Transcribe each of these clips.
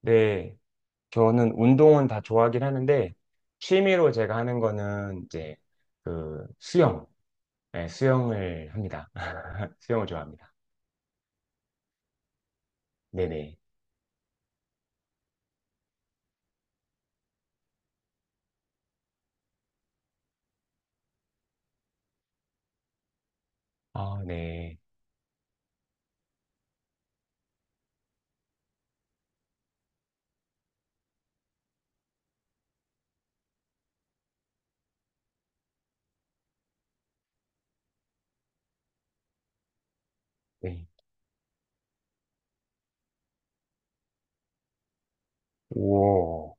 네, 저는 운동은 다 좋아하긴 하는데, 취미로 제가 하는 거는 이제 그 수영, 네, 수영을 합니다. 수영을 좋아합니다. 네네. 아, 네. 네. 오,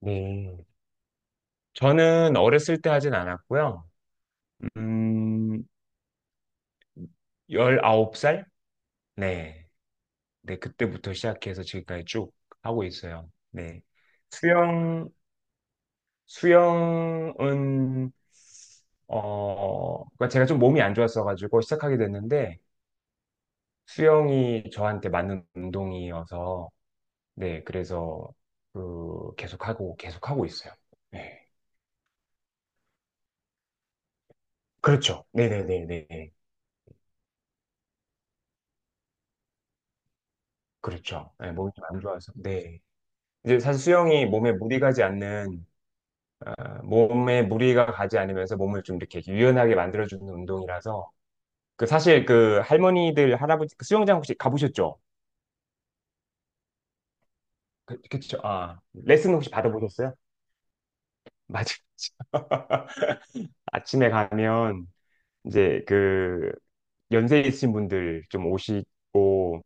네. 저는 어렸을 때 하진 않았고요. 음, 19살? 네. 네, 그때부터 시작해서 지금까지 쭉 하고 있어요. 네. 수영, 수영은 그러니까 제가 좀 몸이 안 좋았어가지고 시작하게 됐는데 수영이 저한테 맞는 운동이어서 네, 그래서 그 계속하고 있어요. 네. 그렇죠. 네네네네. 그렇죠. 네, 몸이 좀 안 좋아서. 네. 이제 사실 수영이 몸에 무리가 가지 않는 아, 몸에 무리가 가지 않으면서 몸을 좀 이렇게 유연하게 만들어주는 운동이라서 그 사실 그 할머니들 할아버지 그 수영장 혹시 가보셨죠? 그쵸. 아 레슨 혹시 받아보셨어요? 맞아요. 아침에 가면 이제 그 연세 있으신 분들 좀 오시고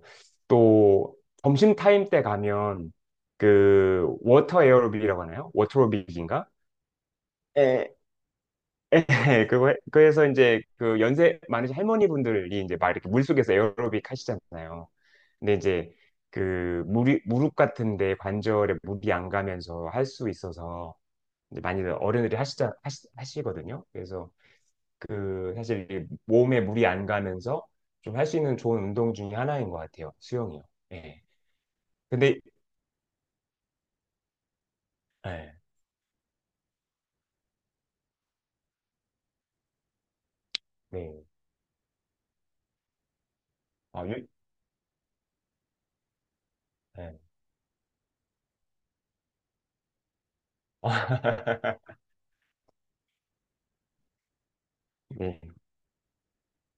또 점심 타임 때 가면 그 워터 에어로빅이라고 하나요? 워터로빅인가? 예. 네, 그래서 이제 그 연세 많으신 할머니분들이 이제 막 이렇게 물속에서 에어로빅 하시잖아요. 근데 이제 그 무릎 같은데 관절에 물이 안 가면서 할 수 있어서 이제 많이들 어른들이 하시거든요. 그래서 그 사실 이게 몸에 물이 안 가면서 좀 할 수 있는 좋은 운동 중에 하나인 것 같아요. 수영이요. 예. 근데 예. 네. 아, 유, 예. 네.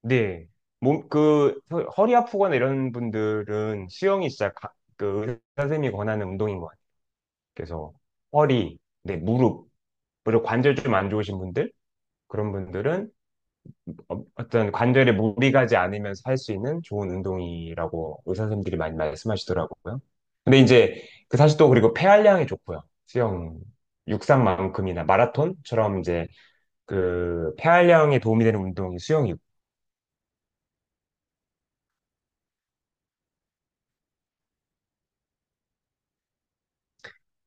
네. 허리 아프거나 이런 분들은 수영이 진짜 그 의사 선생님이 권하는 운동인 것 같아요. 그래서 허리, 네, 무릎, 그리고 관절 좀 안 좋으신 분들, 그런 분들은 어떤 관절에 무리 가지 않으면서 할 수 있는 좋은 운동이라고 의사 선생님들이 많이 말씀하시더라고요. 근데 이제 그 사실 또 그리고 폐활량이 좋고요. 수영, 육상만큼이나 마라톤처럼 이제 그 폐활량에 도움이 되는 운동이 수영이고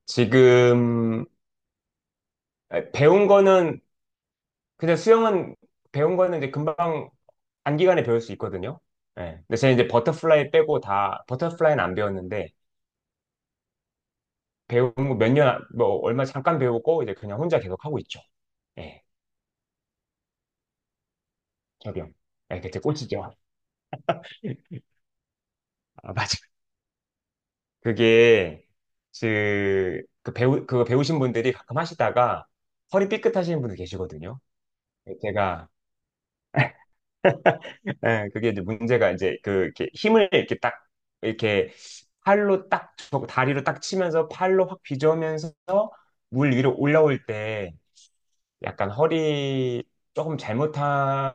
지금 배운 거는 그냥 수영은 배운 거는 이제 금방 단기간에 배울 수 있거든요. 예. 근데 제가 이제 버터플라이 빼고 다 버터플라이는 안 배웠는데 배운 거몇 년, 뭐 얼마 잠깐 배우고 이제 그냥 혼자 계속 하고 있죠. 예, 저병 예, 그때 꼴찌죠. 아, 맞아. 그게 그, 그 배우 그거 배우신 분들이 가끔 하시다가 허리 삐끗하시는 분들 계시거든요. 예, 제가 예, 그게 이제 문제가 이제 그 이렇게 힘을 이렇게 딱 이렇게 다리로 딱 치면서 팔로 확 비조면서 물 위로 올라올 때 약간 허리 조금 잘못한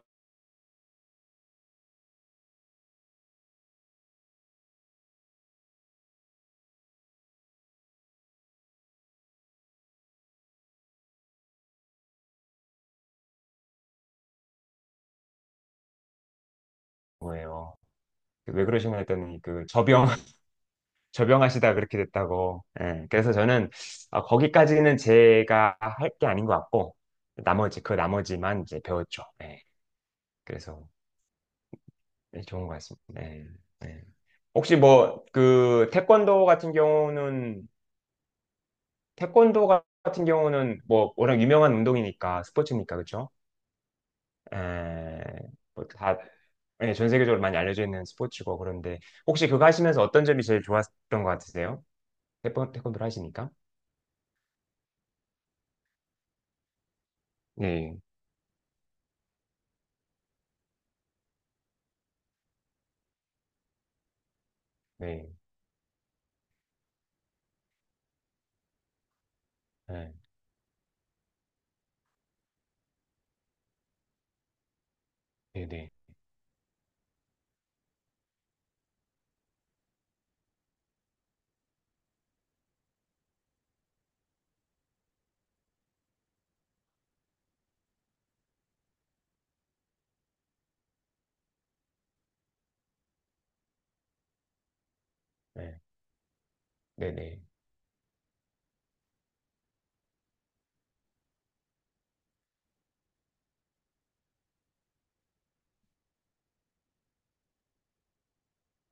거예요. 그 왜 그러시면 했더니 그 저병 저병하시다 그렇게 됐다고. 예. 그래서 저는 아, 거기까지는 제가 할 게 아닌 것 같고 나머지 그 나머지만 이제 배웠죠. 예. 그래서 예, 좋은 것 같습니다. 예. 예. 혹시 뭐 그 태권도 같은 경우는 태권도 같은 경우는 뭐 워낙 유명한 운동이니까 스포츠니까 그렇죠? 예. 뭐다 예, 전 세계적으로 많이 알려져 있는 스포츠고 그런데 혹시 그거 하시면서 어떤 점이 제일 좋았던 것 같으세요? 태권도를 하시니까. 네. 네, 네, 네, 네, 네, 네, 네.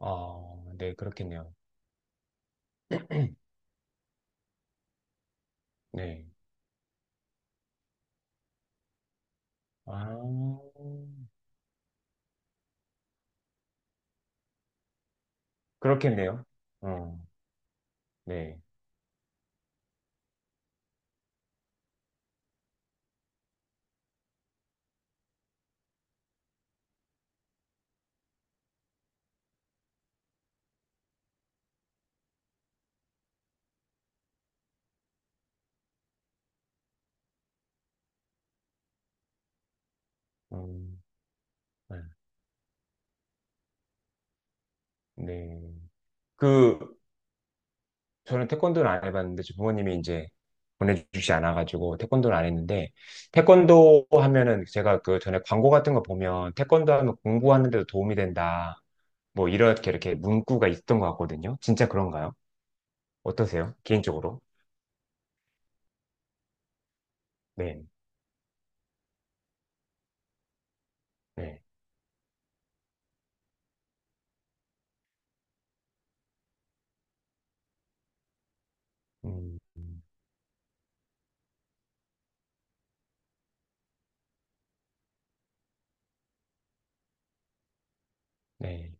아, 네, 그렇겠네요. 네. 아, 그렇겠네요. 어, 네. 음, 네. 네. 그, 저는 태권도를 안 해봤는데, 제 부모님이 이제 보내주시지 않아가지고, 태권도를 안 했는데, 태권도 하면은 제가 그 전에 광고 같은 거 보면, 태권도 하면 공부하는 데도 도움이 된다. 뭐, 이렇게 이렇게 문구가 있던 것 같거든요. 진짜 그런가요? 어떠세요? 개인적으로? 네, 네, 음, 네,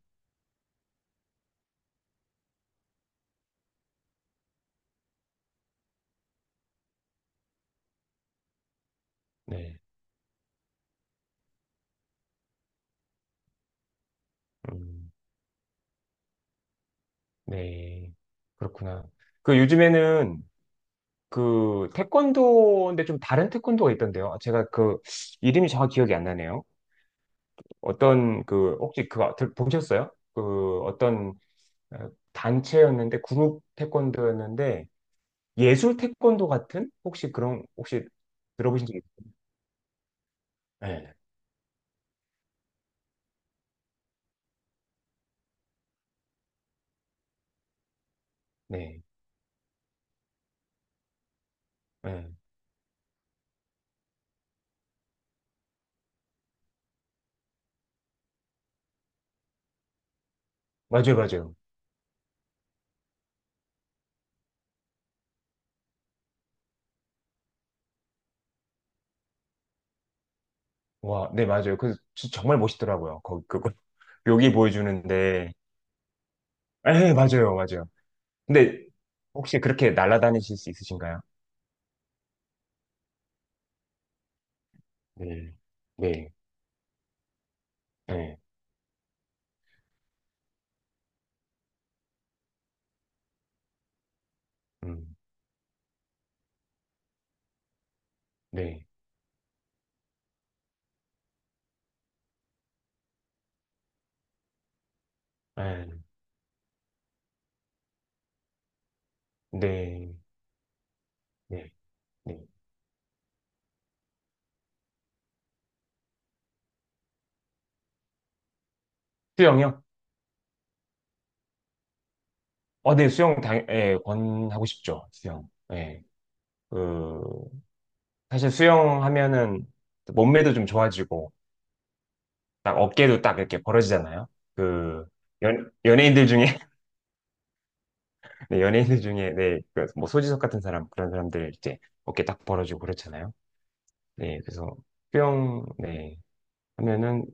네, 음, 네, 그렇구나. 그 요즘에는 그 태권도인데 좀 다른 태권도가 있던데요. 아, 제가 그 이름이 정확히 기억이 안 나네요. 어떤 그 혹시 보셨어요? 그 어떤 어, 단체였는데 그룹 태권도였는데 예술 태권도 같은 혹시 그런 혹시 들어보신 적 있... 네, 네, 네, 맞아요, 맞아요. 와, 네, 맞아요. 그 진짜 정말 멋있더라고요. 거기 그거 여기 보여주는데, 에, 맞아요, 맞아요. 근데 혹시 그렇게 날아다니실 수 있으신가요? 네, 네, 네, 음, 네, 에, 네, 네, 네. 수영이요? 어, 네, 예, 권하고 싶죠. 수영. 예. 그 사실 수영하면은 몸매도 좀 좋아지고, 딱 어깨도 딱 이렇게 벌어지잖아요. 그 연예인들 중에 네, 연예인들 중에, 네, 그 뭐, 소지섭 같은 사람, 그런 사람들 이제 어깨 딱 벌어주고 그렇잖아요. 네, 그래서, 수영 네, 하면은,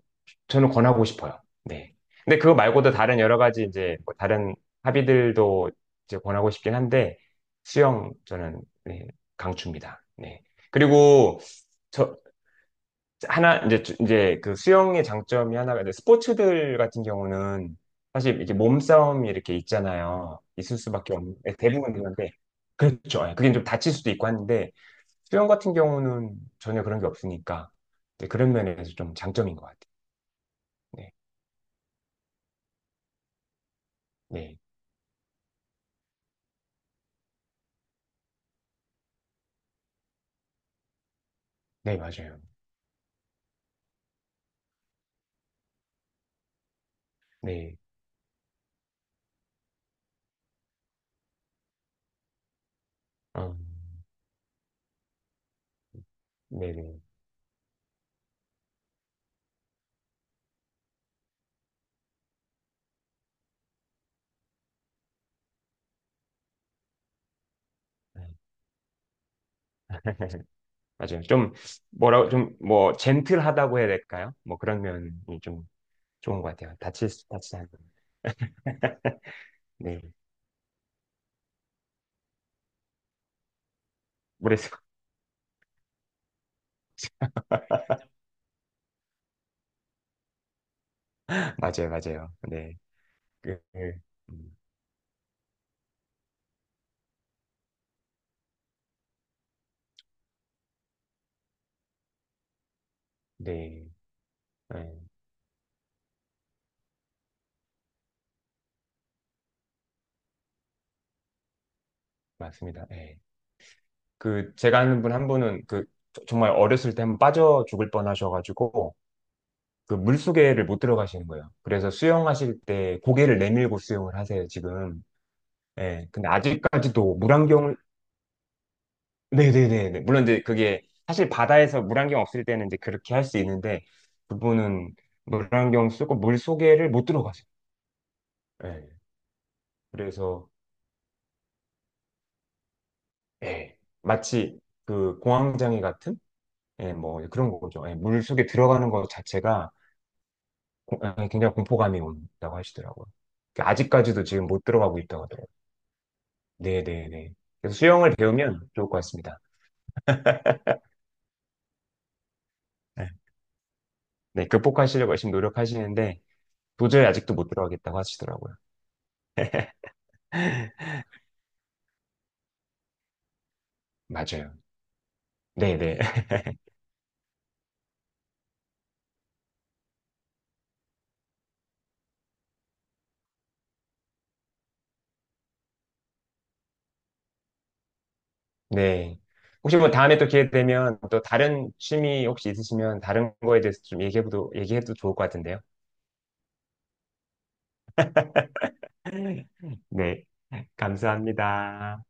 저는 권하고 싶어요. 네. 근데 그거 말고도 다른 여러 가지 이제, 뭐 다른 합의들도 이제 권하고 싶긴 한데, 수영, 저는, 네, 강추입니다. 네. 그리고, 저, 이제 그 수영의 장점이 하나가 이제 스포츠들 같은 경우는 사실 이렇게 몸싸움이 이렇게 있잖아요. 있을 수밖에 없는 예, 대부분 그런데 그렇죠. 예, 그게 좀 다칠 수도 있고 하는데 수영 같은 경우는 전혀 그런 게 없으니까 네, 그런 면에서 좀 장점인 것 같아요. 네, 네, 네 맞아요. 네, 음, 네, 네. 네, 맞아요. 좀 뭐라고 좀 뭐 젠틀하다고 해야 될까요? 뭐 그런 면이 좀 좋은 것 같아요. 다칠 수 다치지 않는. 네, 모르겠어요. 맞아요, 맞아요. 네. 그, 음, 네. 네, 맞습니다. 네. 그, 제가 아는 분 한 분은 그, 정말 어렸을 때 한 번 빠져 죽을 뻔 하셔가지고, 그 물속에를 못 들어가시는 거예요. 그래서 수영하실 때 고개를 내밀고 수영을 하세요, 지금. 네. 근데 아직까지도 물안경을, 네네네. 물론 이제 그게, 사실 바다에서 물안경 없을 때는 이제 그렇게 할 수 있는데, 그분은 물안경 쓰고 물속에를 못 들어가세요. 네. 그래서, 예, 마치 그 공황장애 같은 예, 뭐 그런 거죠. 예, 물 속에 들어가는 것 자체가 예, 굉장히 공포감이 온다고 하시더라고요. 그 아직까지도 지금 못 들어가고 있다고 하더라고요. 네, 네, 네. 그래서 수영을 배우면 좋을 것 같습니다. 네, 네, 극복하시려고 열심히 노력하시는데 도저히 아직도 못 들어가겠다고 하시더라고요. 맞아요. 네, 네, 네. 혹시 뭐 다음에 또 기회 되면 또 다른 취미 혹시 있으시면 다른 거에 대해서 좀 얘기해도 좋을 것 같은데요. 네, 감사합니다.